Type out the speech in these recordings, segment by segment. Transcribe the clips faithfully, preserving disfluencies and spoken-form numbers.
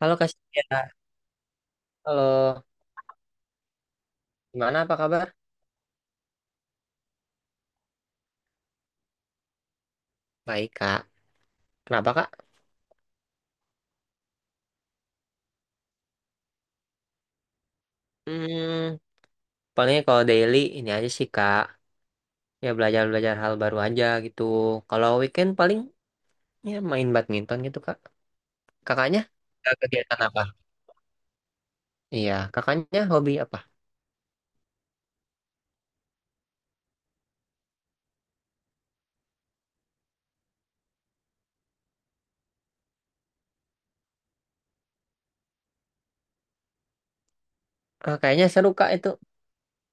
Halo Kak Sintia. Halo, gimana apa kabar? Baik Kak. Kenapa Kak? Hmm, paling kalau daily ini aja sih Kak. Ya belajar-belajar hal baru aja gitu. Kalau weekend paling ya main badminton gitu Kak. Kakaknya? Ada Kegiatan apa? Iya, kakaknya hobi apa? Ah, kayaknya seru Kak itu.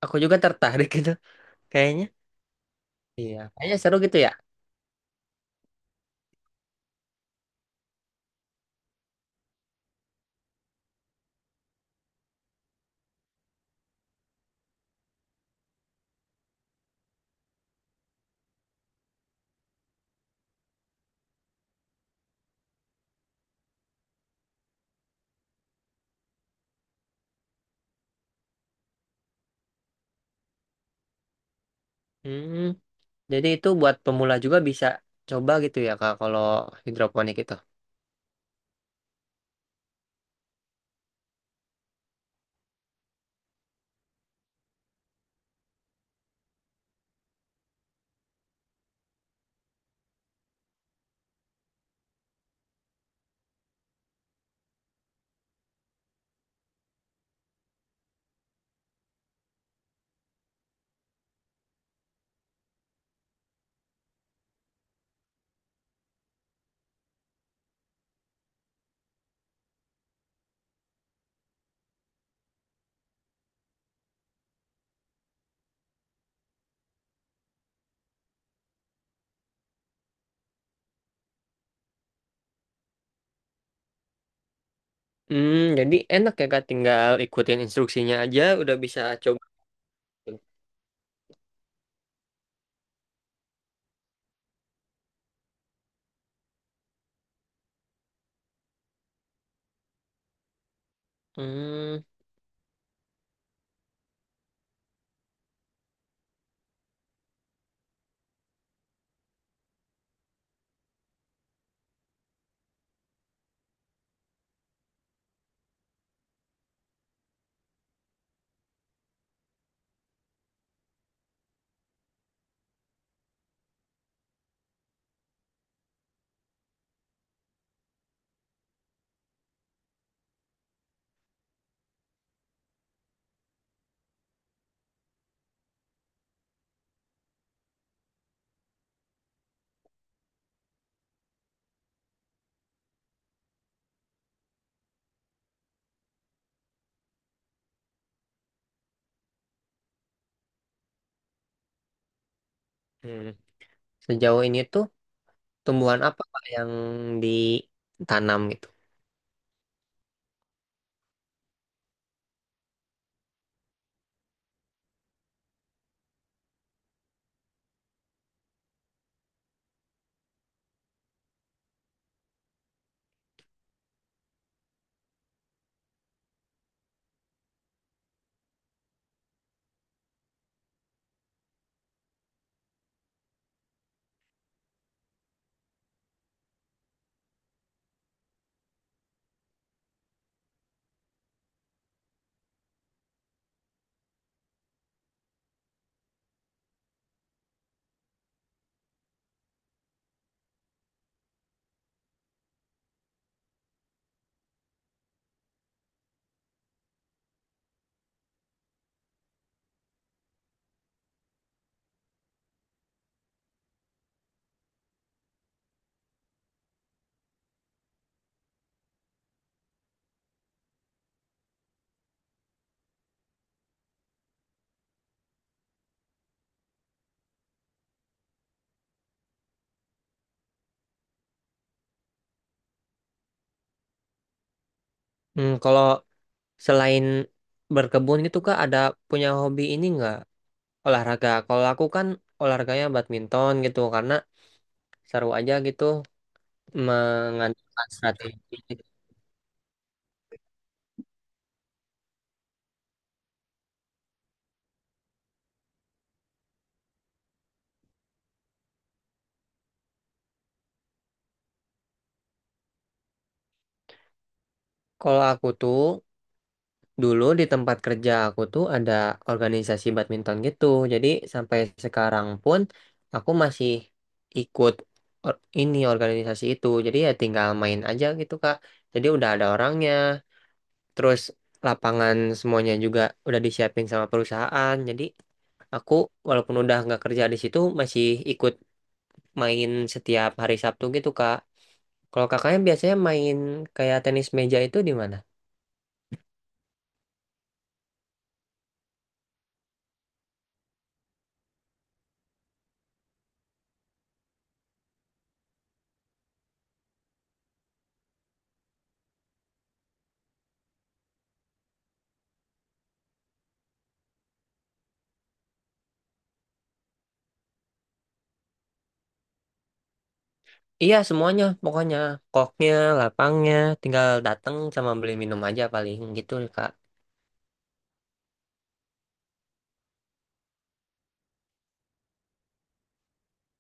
Aku juga tertarik gitu. Kayaknya. Iya, kayaknya seru gitu ya. Hmm, jadi itu buat pemula juga bisa coba gitu ya Kak kalau hidroponik itu. Hmm, jadi enak ya Kak, tinggal ikutin instruksinya aja udah bisa coba. Hmm, hmm. Sejauh ini tuh tumbuhan apa Kak yang ditanam gitu? Hmm, kalau selain berkebun gitu Kak ada punya hobi ini nggak olahraga? Kalau aku kan olahraganya badminton gitu karena seru aja gitu mengandalkan strategi. Kalau aku tuh dulu di tempat kerja aku tuh ada organisasi badminton gitu. Jadi sampai sekarang pun aku masih ikut or- ini organisasi itu. Jadi ya tinggal main aja gitu, Kak. Jadi udah ada orangnya, terus lapangan semuanya juga udah disiapin sama perusahaan. Jadi aku walaupun udah nggak kerja di situ masih ikut main setiap hari Sabtu gitu, Kak. Kalau kakaknya biasanya main kayak tenis meja itu di mana? Iya semuanya pokoknya koknya, lapangnya, tinggal datang sama beli minum aja paling gitu Kak.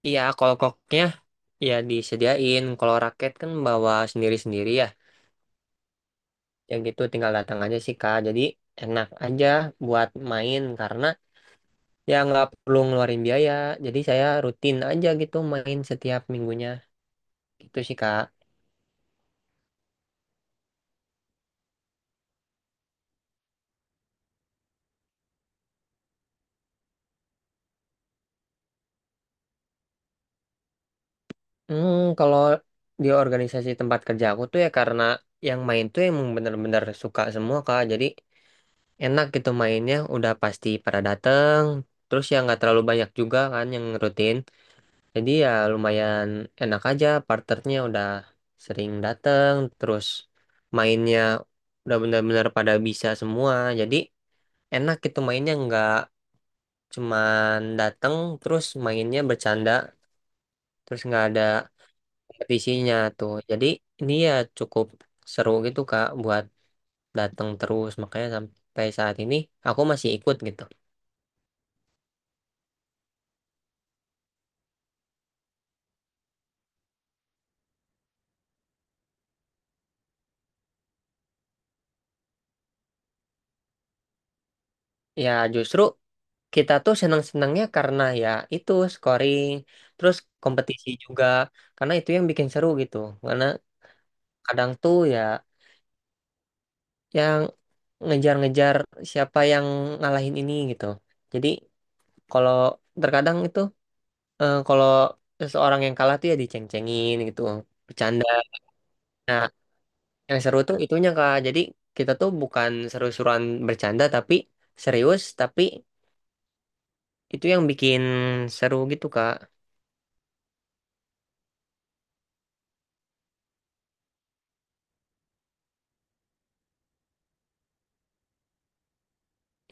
Iya kalau koknya ya disediain, kalau raket kan bawa sendiri-sendiri ya. Yang gitu tinggal datang aja sih Kak. Jadi enak aja buat main karena ya nggak perlu ngeluarin biaya. Jadi saya rutin aja gitu main setiap minggunya gitu sih Kak. Hmm, kalau di organisasi tempat kerja aku tuh ya karena yang main tuh emang bener-bener suka semua Kak. Jadi enak gitu mainnya udah pasti pada dateng terus ya nggak terlalu banyak juga kan yang rutin jadi ya lumayan enak aja parternya udah sering dateng terus mainnya udah benar-benar pada bisa semua jadi enak gitu mainnya nggak cuman dateng terus mainnya bercanda terus nggak ada kompetisinya tuh jadi ini ya cukup seru gitu Kak buat dateng terus makanya sampai saat ini aku masih ikut gitu. Ya, justru kita tuh senang-senangnya karena ya itu scoring, terus kompetisi juga, karena itu yang bikin seru gitu. Karena kadang tuh ya yang ngejar-ngejar siapa yang ngalahin ini gitu. Jadi kalau terkadang itu eh, kalau seseorang yang kalah tuh ya diceng-cengin gitu, bercanda. Nah, yang seru tuh itunya Kak. Jadi kita tuh bukan seru-seruan bercanda tapi serius, tapi itu yang bikin seru gitu Kak.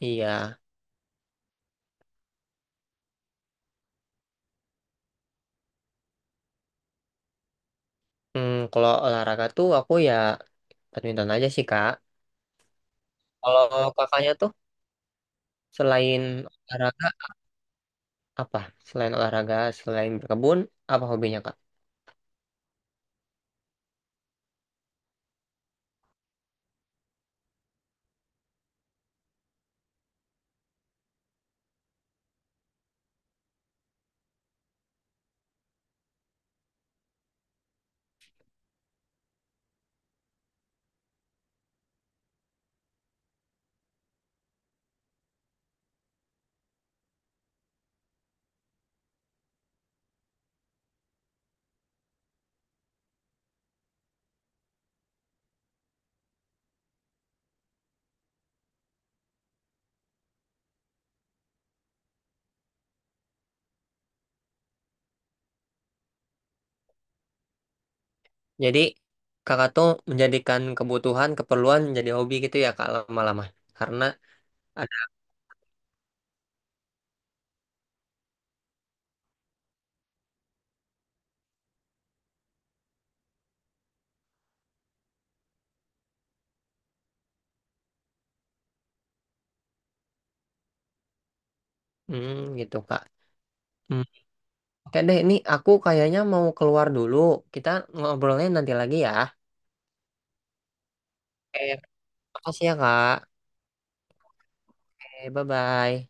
Iya. Hmm, kalau olahraga tuh aku ya badminton aja sih Kak. Kalau kakaknya tuh selain olahraga apa? Selain olahraga, selain berkebun, apa hobinya Kak? Jadi kakak tuh menjadikan kebutuhan, keperluan jadi hobi gitu ya Kak lama-lama. Karena ada hmm, gitu Kak. Hmm. Oke deh, ini aku kayaknya mau keluar dulu. Kita ngobrolnya nanti lagi ya. Eh, makasih ya Kak. Eh, bye-bye.